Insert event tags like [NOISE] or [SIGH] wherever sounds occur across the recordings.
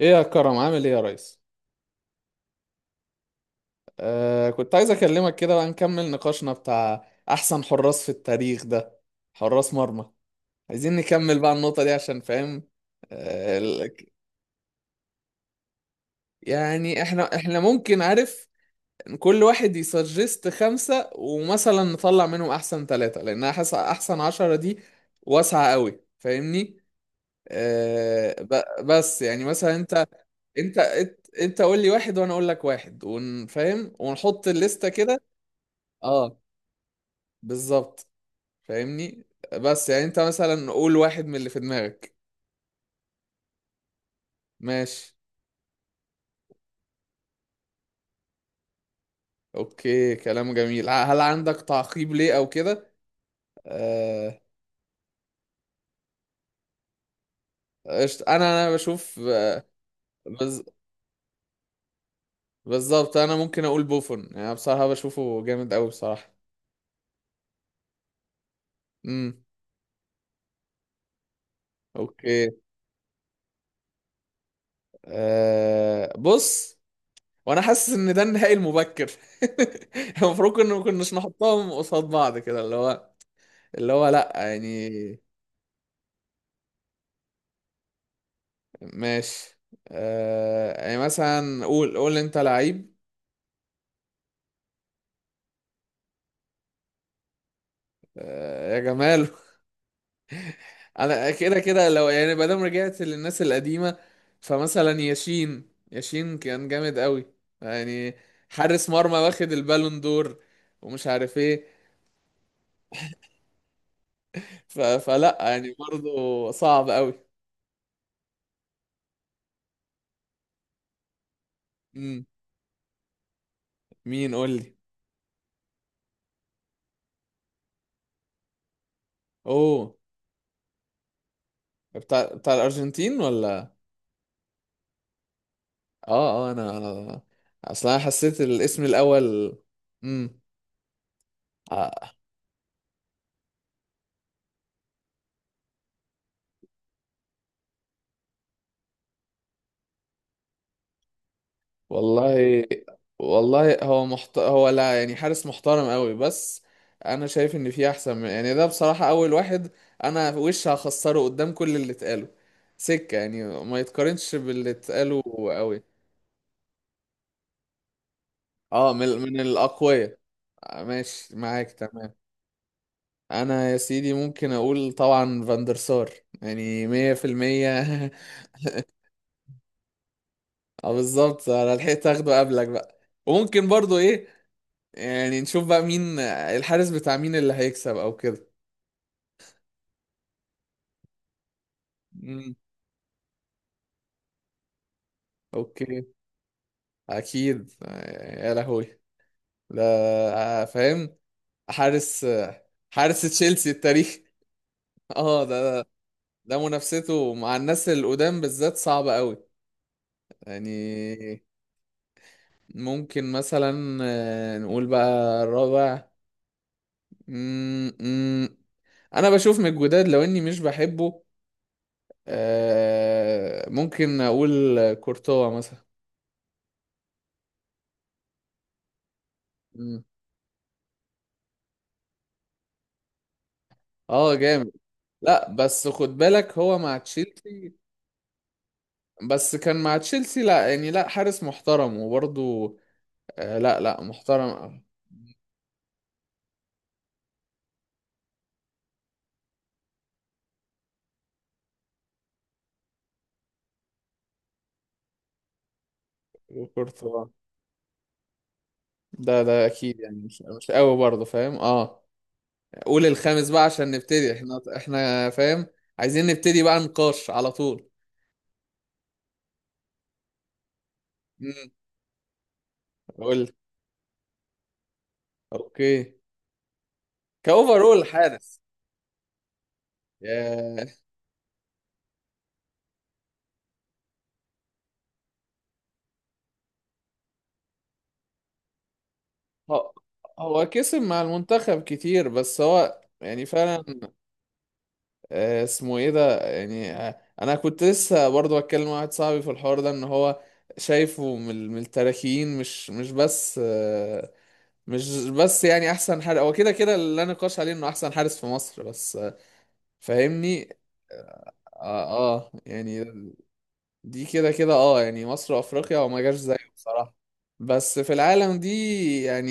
ايه يا كرم، عامل ايه يا ريس؟ كنت عايز اكلمك كده، بقى نكمل نقاشنا بتاع احسن حراس في التاريخ ده. حراس مرمى. عايزين نكمل بقى النقطة دي عشان فاهم. آه ال- يعني احنا ممكن عارف، كل واحد يسجست خمسة ومثلا نطلع منهم احسن ثلاثة، لان حاسس احسن 10 دي واسعة قوي، فاهمني؟ بس يعني مثلا انت. انت انت قول لي واحد، وانا اقول لك واحد، ونفهم ونحط الليستة كده. اه، بالظبط. فاهمني؟ بس يعني انت مثلا قول واحد من اللي في دماغك. ماشي. اوكي، كلام جميل. هل عندك تعقيب ليه او كده؟ آه... قشطة. انا بشوف. بز... بالظبط، انا ممكن اقول بوفون، يعني بصراحة بشوفه جامد قوي بصراحة. امم. اوكي. بص، وانا حاسس ان ده النهائي المبكر. [LAUGHS] المفروض ان ما كناش نحطهم قصاد بعض كده، اللي هو اللي هو، لا يعني. ماشي. يعني مثلا، قول انت لعيب. آه يا جمال! [LAUGHS] انا كده كده لو يعني ما دام رجعت للناس القديمه، فمثلا ياشين ياشين كان جامد قوي. يعني حارس مرمى واخد البالون دور ومش عارف ايه. فلا يعني برضه صعب قوي. مم. مين؟ قول لي. اوه، بتاع الارجنتين ولا؟ اه، اه، انا اصلا حسيت الاسم الاول. امم. والله. والله، هو هو، لا يعني حارس محترم قوي، بس انا شايف ان في احسن من، يعني ده بصراحة اول واحد انا وش هخسره قدام كل اللي اتقاله. سكة، يعني ما يتقارنش باللي اتقاله قوي. اه، من الاقوياء. آه، ماشي، معاك، تمام. انا يا سيدي ممكن اقول طبعا فاندرسار، يعني 100%. [LAUGHS] اه بالظبط، انا لحقت اخده قبلك بقى. وممكن برضو ايه، يعني نشوف بقى مين الحارس بتاع مين اللي هيكسب او كده. مم. اوكي. اكيد. يا لهوي! لا، فاهم. حارس. حارس تشيلسي التاريخ. [LAUGHS] اه، ده ده منافسته مع الناس القدام بالذات صعبة قوي. يعني ممكن مثلا، نقول بقى الرابع. مم، مم. انا بشوف من الجداد لو اني مش بحبه. ممكن اقول كورتوا مثلا. مم. اه، جامد. لا بس خد بالك هو مع تشيلسي. بس كان مع تشيلسي، لا يعني لا، حارس محترم وبرضه. آه، لا، لا، محترم. كورتوا. ده اكيد، يعني مش قوي برضه، فاهم؟ اه. قول الخامس بقى عشان نبتدي، احنا، فاهم؟ عايزين نبتدي بقى نقاش على طول. امم. قول لي. اوكي. كاوفرول حارس. ياه. هو، هو كسب مع المنتخب كتير، بس هو يعني فعلا. اسمه ايه ده؟ يعني انا كنت لسه برضه بتكلم مع واحد صاحبي في الحوار ده ان هو شايفه من التراكين، مش بس مش بس يعني احسن حارس. هو كده كده اللي لا نقاش عليه انه احسن حارس في مصر، بس فاهمني؟ اه. يعني دي كده كده، اه يعني مصر وافريقيا، وما جاش زيه بصراحة. بس في العالم دي يعني،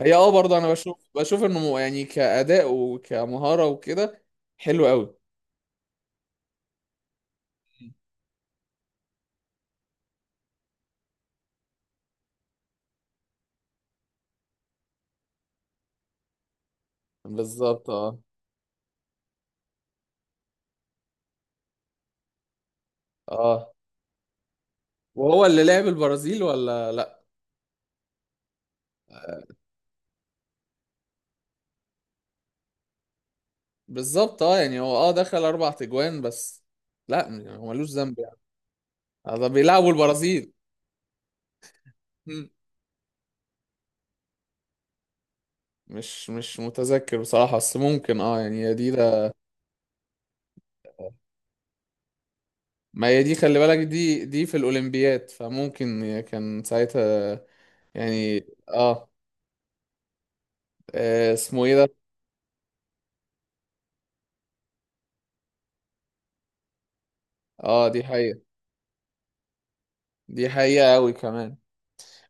هي اه برضه انا بشوف انه يعني كأداء وكمهارة وكده، حلو قوي. بالظبط، اه. اه، وهو اللي لعب البرازيل ولا لا؟ بالظبط، اه، يعني هو دخل 4 تجوان بس. لا يعني هو ملوش ذنب يعني. ده بيلعبوا البرازيل. مم. مش متذكر بصراحة، بس ممكن اه يعني هي دي ده. ما هي دي، خلي بالك دي في الأولمبياد، فممكن هي كان ساعتها. يعني اه. اسمه ايه ده؟ اه، دي حقيقة. دي حقيقة قوي كمان.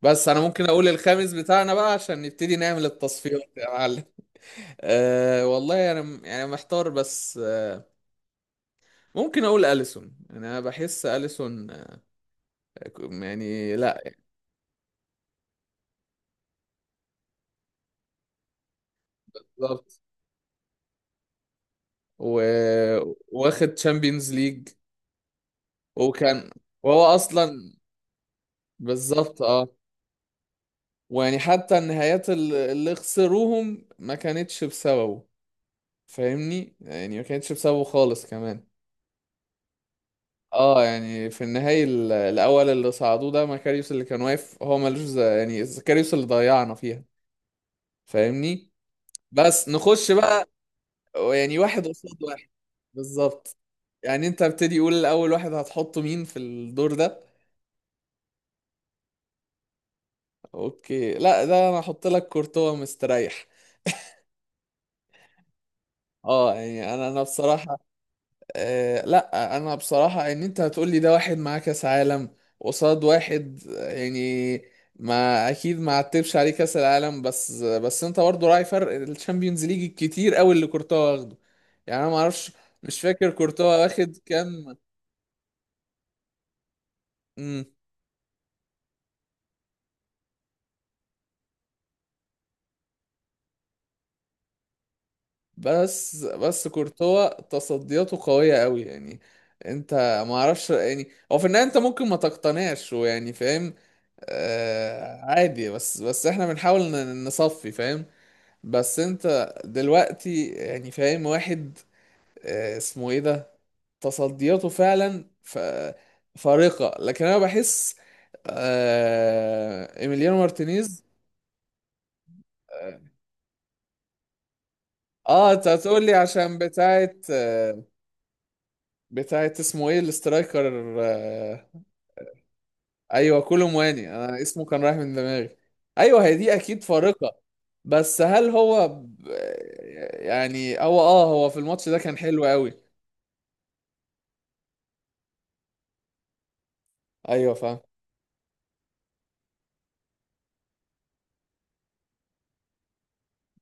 بس انا ممكن اقول الخامس بتاعنا بقى عشان نبتدي نعمل التصفيات يا معلم. والله انا يعني محتار، بس ممكن اقول اليسون، يعني انا بحس اليسون، يعني لا. بالظبط. و... واخد تشامبيونز ليج. وكان، وهو اصلا، بالظبط، اه. ويعني حتى النهايات اللي خسروهم ما كانتش بسببه، فاهمني؟ يعني ما كانتش بسببه خالص كمان. اه، يعني في النهاية الاول اللي صعدوه ده مكاريوس اللي كان واقف، هو ملوش يعني زكاريوس اللي ضيعنا فيها، فاهمني؟ بس نخش بقى، يعني واحد قصاد واحد. بالظبط. يعني انت ابتدي، قول الاول واحد هتحطه مين في الدور ده؟ اوكي، لا ده انا هحط لك كورتوا مستريح. اه، يعني انا بصراحه، لا، انا بصراحه ان انت هتقول لي ده واحد معاه كاس عالم قصاد واحد، يعني ما اكيد، ما عتبش عليه كاس العالم، بس انت برضه راعي فرق الشامبيونز ليج الكتير قوي اللي كورتوا واخده. يعني انا ما اعرفش، مش فاكر كورتوا واخد كام. مم. بس كورتوا تصدياته قوية قوي يعني. انت، ما اعرفش يعني هو في النهاية انت ممكن ما تقتنعش، ويعني فاهم. عادي، بس احنا بنحاول نصفي، فاهم؟ بس انت دلوقتي يعني فاهم واحد. اسمه ايه ده؟ تصدياته فعلا فارقة، لكن انا بحس. ايميليانو مارتينيز. اه، انت هتقول لي عشان بتاعت، بتاعت اسمه ايه الاسترايكر، آه، ايوه، كولو مواني، انا اسمه كان رايح من دماغي. ايوه هي دي اكيد فارقة. بس هل هو يعني هو هو في الماتش ده كان حلو قوي. ايوه، فاهم.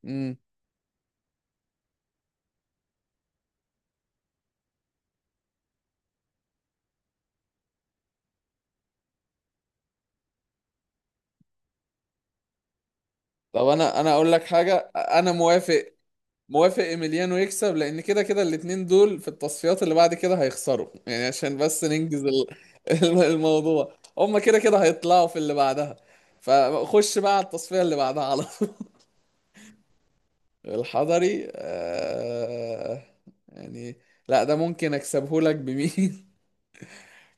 امم. طب انا اقول لك حاجة، انا موافق. موافق، ايميليانو يكسب، لان كده كده الاتنين دول في التصفيات اللي بعد كده هيخسروا، يعني عشان بس ننجز [LAUGHS] الموضوع، هما كده كده هيطلعوا في اللي بعدها. فخش بقى على التصفية اللي بعدها، على الحضري. يعني، لا ده ممكن اكسبه لك بمين؟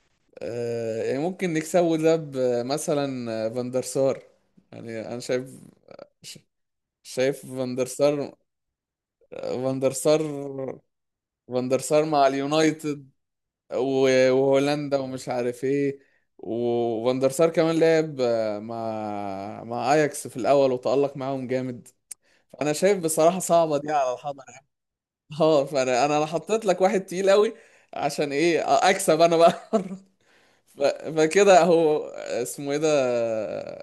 [LAUGHS] يعني ممكن نكسبه ده، مثلا فاندرسار. يعني انا شايف، ش- شايف فاندرسار. فاندرسار. فاندرسار مع اليونايتد، وهولندا، ومش عارف ايه. وفاندرسار كمان لعب مع اياكس في الاول، وتألق معاهم جامد. فانا شايف بصراحة صعبة دي على الحضري. اه، فانا انا حطيت لك واحد تقيل قوي. عشان ايه؟ اكسب انا بقى [LAUGHS] مرة. ف- فكده هو اسمه ايه ده،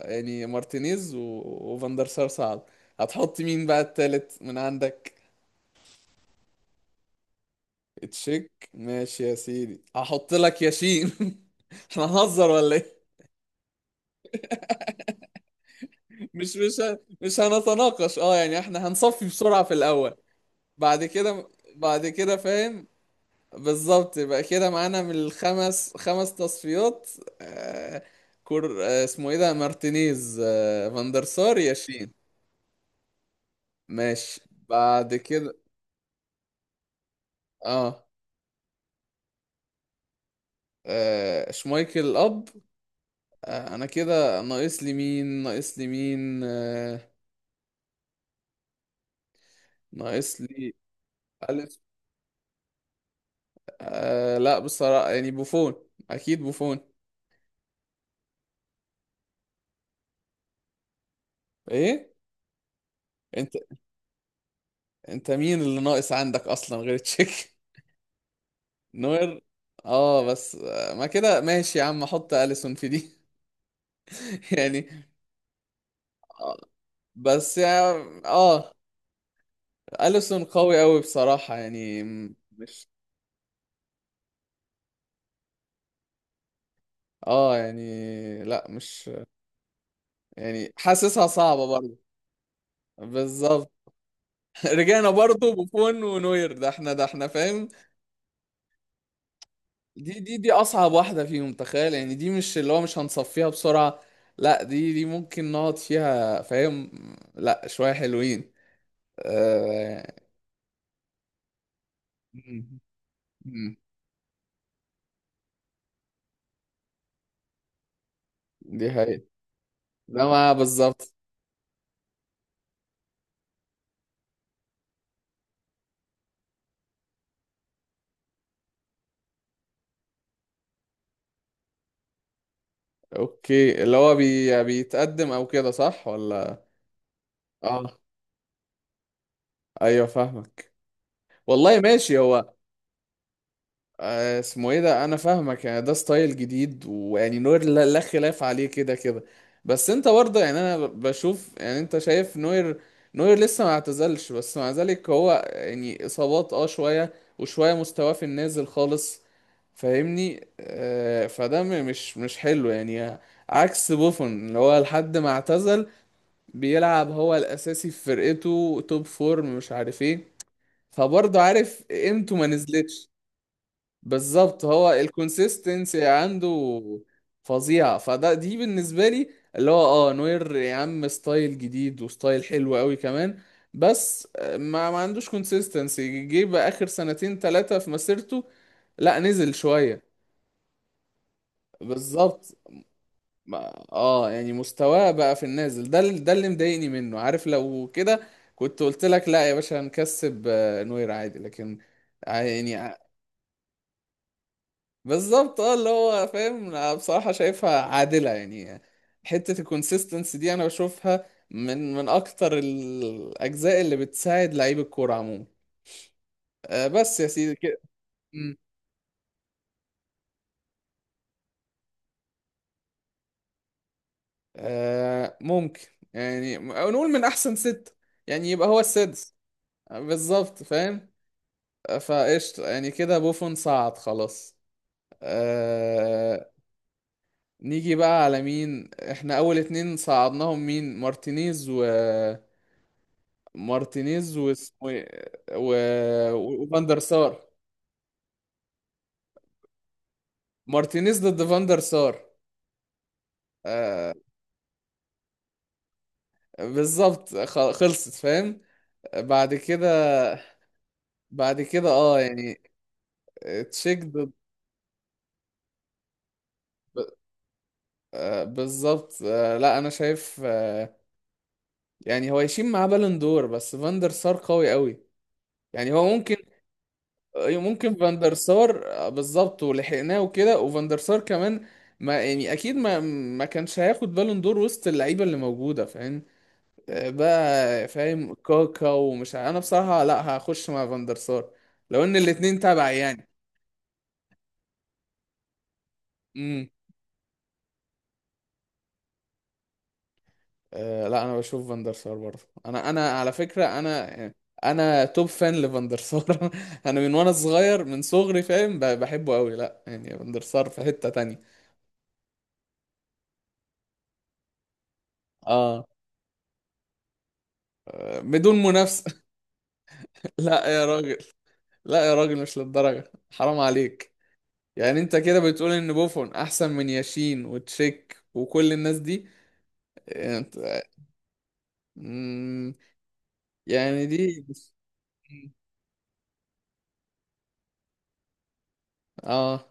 يعني مارتينيز وفاندر سار، صعب. هتحط مين بقى التالت من عندك؟ تشيك؟ ماشي يا سيدي، هحط لك ياشين. [LAUGHS] احنا هنهزر ولا ايه؟ مش هنتناقش، اه يعني احنا هنصفي بسرعة في الاول. بعد كده، بعد كده، فاهم. بالظبط، يبقى كده معانا من الخمس تصفيات. آه. كور آه اسمه ايه ده، مارتينيز، فاندرسار، ياشين. ماشي. بعد كده، اه. شمايكل اب. انا كده، ناقص لي مين؟ ناقص لي مين؟ ناقص لي، الف. لا بصراحة، يعني بوفون، اكيد بوفون. ايه؟ انت، انت مين اللي ناقص عندك اصلا غير تشيك؟ نوير. اه، بس ما كده ماشي يا عم، احط اليسون في دي. [LAUGHS] يعني آه، بس يعني اه، اليسون قوي قوي بصراحة يعني مش. اه يعني، لا، مش. يعني حاسسها صعبة برضه. بالظبط. [LAUGHS] رجعنا برضه بوفون ونوير، ده احنا ده احنا، فاهم. دي اصعب واحدة فيهم، تخيل. يعني دي مش اللي هو مش هنصفيها بسرعة، لا، دي ممكن نقعد فيها، فاهم. لا، شوية حلوين. آه... [LAUGHS] دي حقيقة. ده ما بالظبط. اوكي، اللي هو بيتقدم او كده، صح ولا؟ اه، ايوه فاهمك. والله ماشي، هو، اسمه ايه ده؟ انا فاهمك يعني ده ستايل جديد، ويعني نوير، لا، لا خلاف عليه كده كده. بس انت برضه يعني انا بشوف، يعني انت شايف نوير، نوير لسه ما اعتزلش، بس مع ذلك هو يعني اصابات شوية، وشوية مستواه في النازل خالص، فاهمني؟ فده مش حلو يعني. عكس بوفون، اللي هو لحد ما اعتزل بيلعب هو الاساسي في فرقته، توب فورم مش عارف ايه. فبرضه عارف قيمته ما نزلتش. بالظبط، هو الكونسيستنسي عنده فظيعة. فده دي بالنسبة لي، اللي هو اه نوير يا عم ستايل جديد، وستايل حلو قوي كمان، بس ما عندوش كونسيستنسي. جه بقى آخر سنتين ثلاثة في مسيرته، لا نزل شوية. بالظبط. اه يعني مستواه بقى في النازل ده، ده اللي مضايقني منه، عارف لو كده كنت قلت لك لا يا باشا هنكسب، نوير عادي، لكن يعني. بالظبط اه، اللي هو فاهم، انا بصراحة شايفها عادلة يعني. حتة الكونسيستنس دي انا بشوفها من اكتر الاجزاء اللي بتساعد لعيب الكورة عموما. بس يا سيدي كده. مم. ممكن، يعني أو نقول من احسن ستة، يعني يبقى هو السادس. بالظبط، فاهم. فقشطة، يعني كده بوفون صعد خلاص. آه. نيجي بقى على مين احنا اول اتنين صعدناهم؟ مين؟ مارتينيز و، مارتينيز واسمه ايه وفاندر سار. مارتينيز ضد فاندر سار. آه بالظبط، خلصت، فاهم. بعد كده. بعد كده اه يعني، تشيك ضد. بالظبط، لا انا شايف، يعني هو يشيل معاه بالون دور، بس فاندر سار قوي قوي. يعني هو ممكن، ممكن فاندر سار، بالظبط، ولحقناه وكده، وفاندر سار كمان. ما يعني اكيد ما، ما كانش هياخد بالون دور وسط اللعيبه اللي موجوده، فاهم. بقى فاهم، كاكا ومش انا بصراحة لا، هخش مع فاندر سار لو ان الاتنين تبع يعني. امم. لا، انا بشوف فاندر سار برضه، انا على فكرة، انا يعني، انا توب فان لفاندر سار. [LAUGHS] انا من وانا صغير، من صغري، فاهم؟ بحبه قوي، لا يعني فاندر سار في حتة تانية. اه، بدون منافسة. [LAUGHS] لا يا راجل. لا يا راجل، مش للدرجة، حرام عليك. يعني انت كده بتقول ان بوفون احسن من ياشين وتشيك وكل الناس دي؟ إيه؟ انت، يعني دي اه،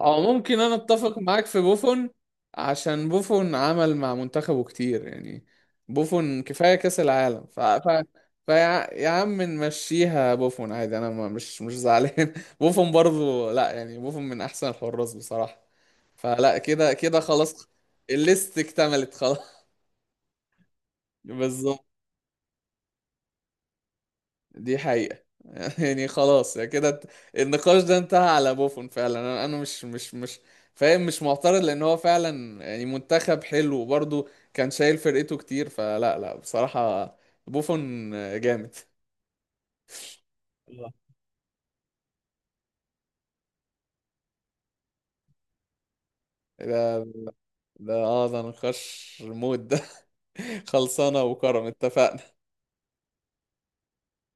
او ممكن انا اتفق معاك في بوفون، عشان بوفون عمل مع منتخبه كتير، يعني بوفون كفاية كأس العالم. فيا يا عم نمشيها، بوفون عادي، انا ما مش زعلان. [LAUGHS] بوفون برضو، لا يعني بوفون من احسن الحراس بصراحة. فلا، كده كده خلاص، الليست اكتملت خلاص. [LAUGHS] بالظبط. دي حقيقة. [LAUGHS] يعني خلاص، يعني كده، النقاش ده انتهى على بوفون فعلا. انا مش فاهم، مش معترض لان هو فعلا يعني منتخب حلو، وبرضه كان شايل فرقته كتير، فلا، لا بصراحة، بوفون جامد. الله. ده ده اه، ده نقاش، مود ده. [LAUGHS] خلصانة وكرم، اتفقنا.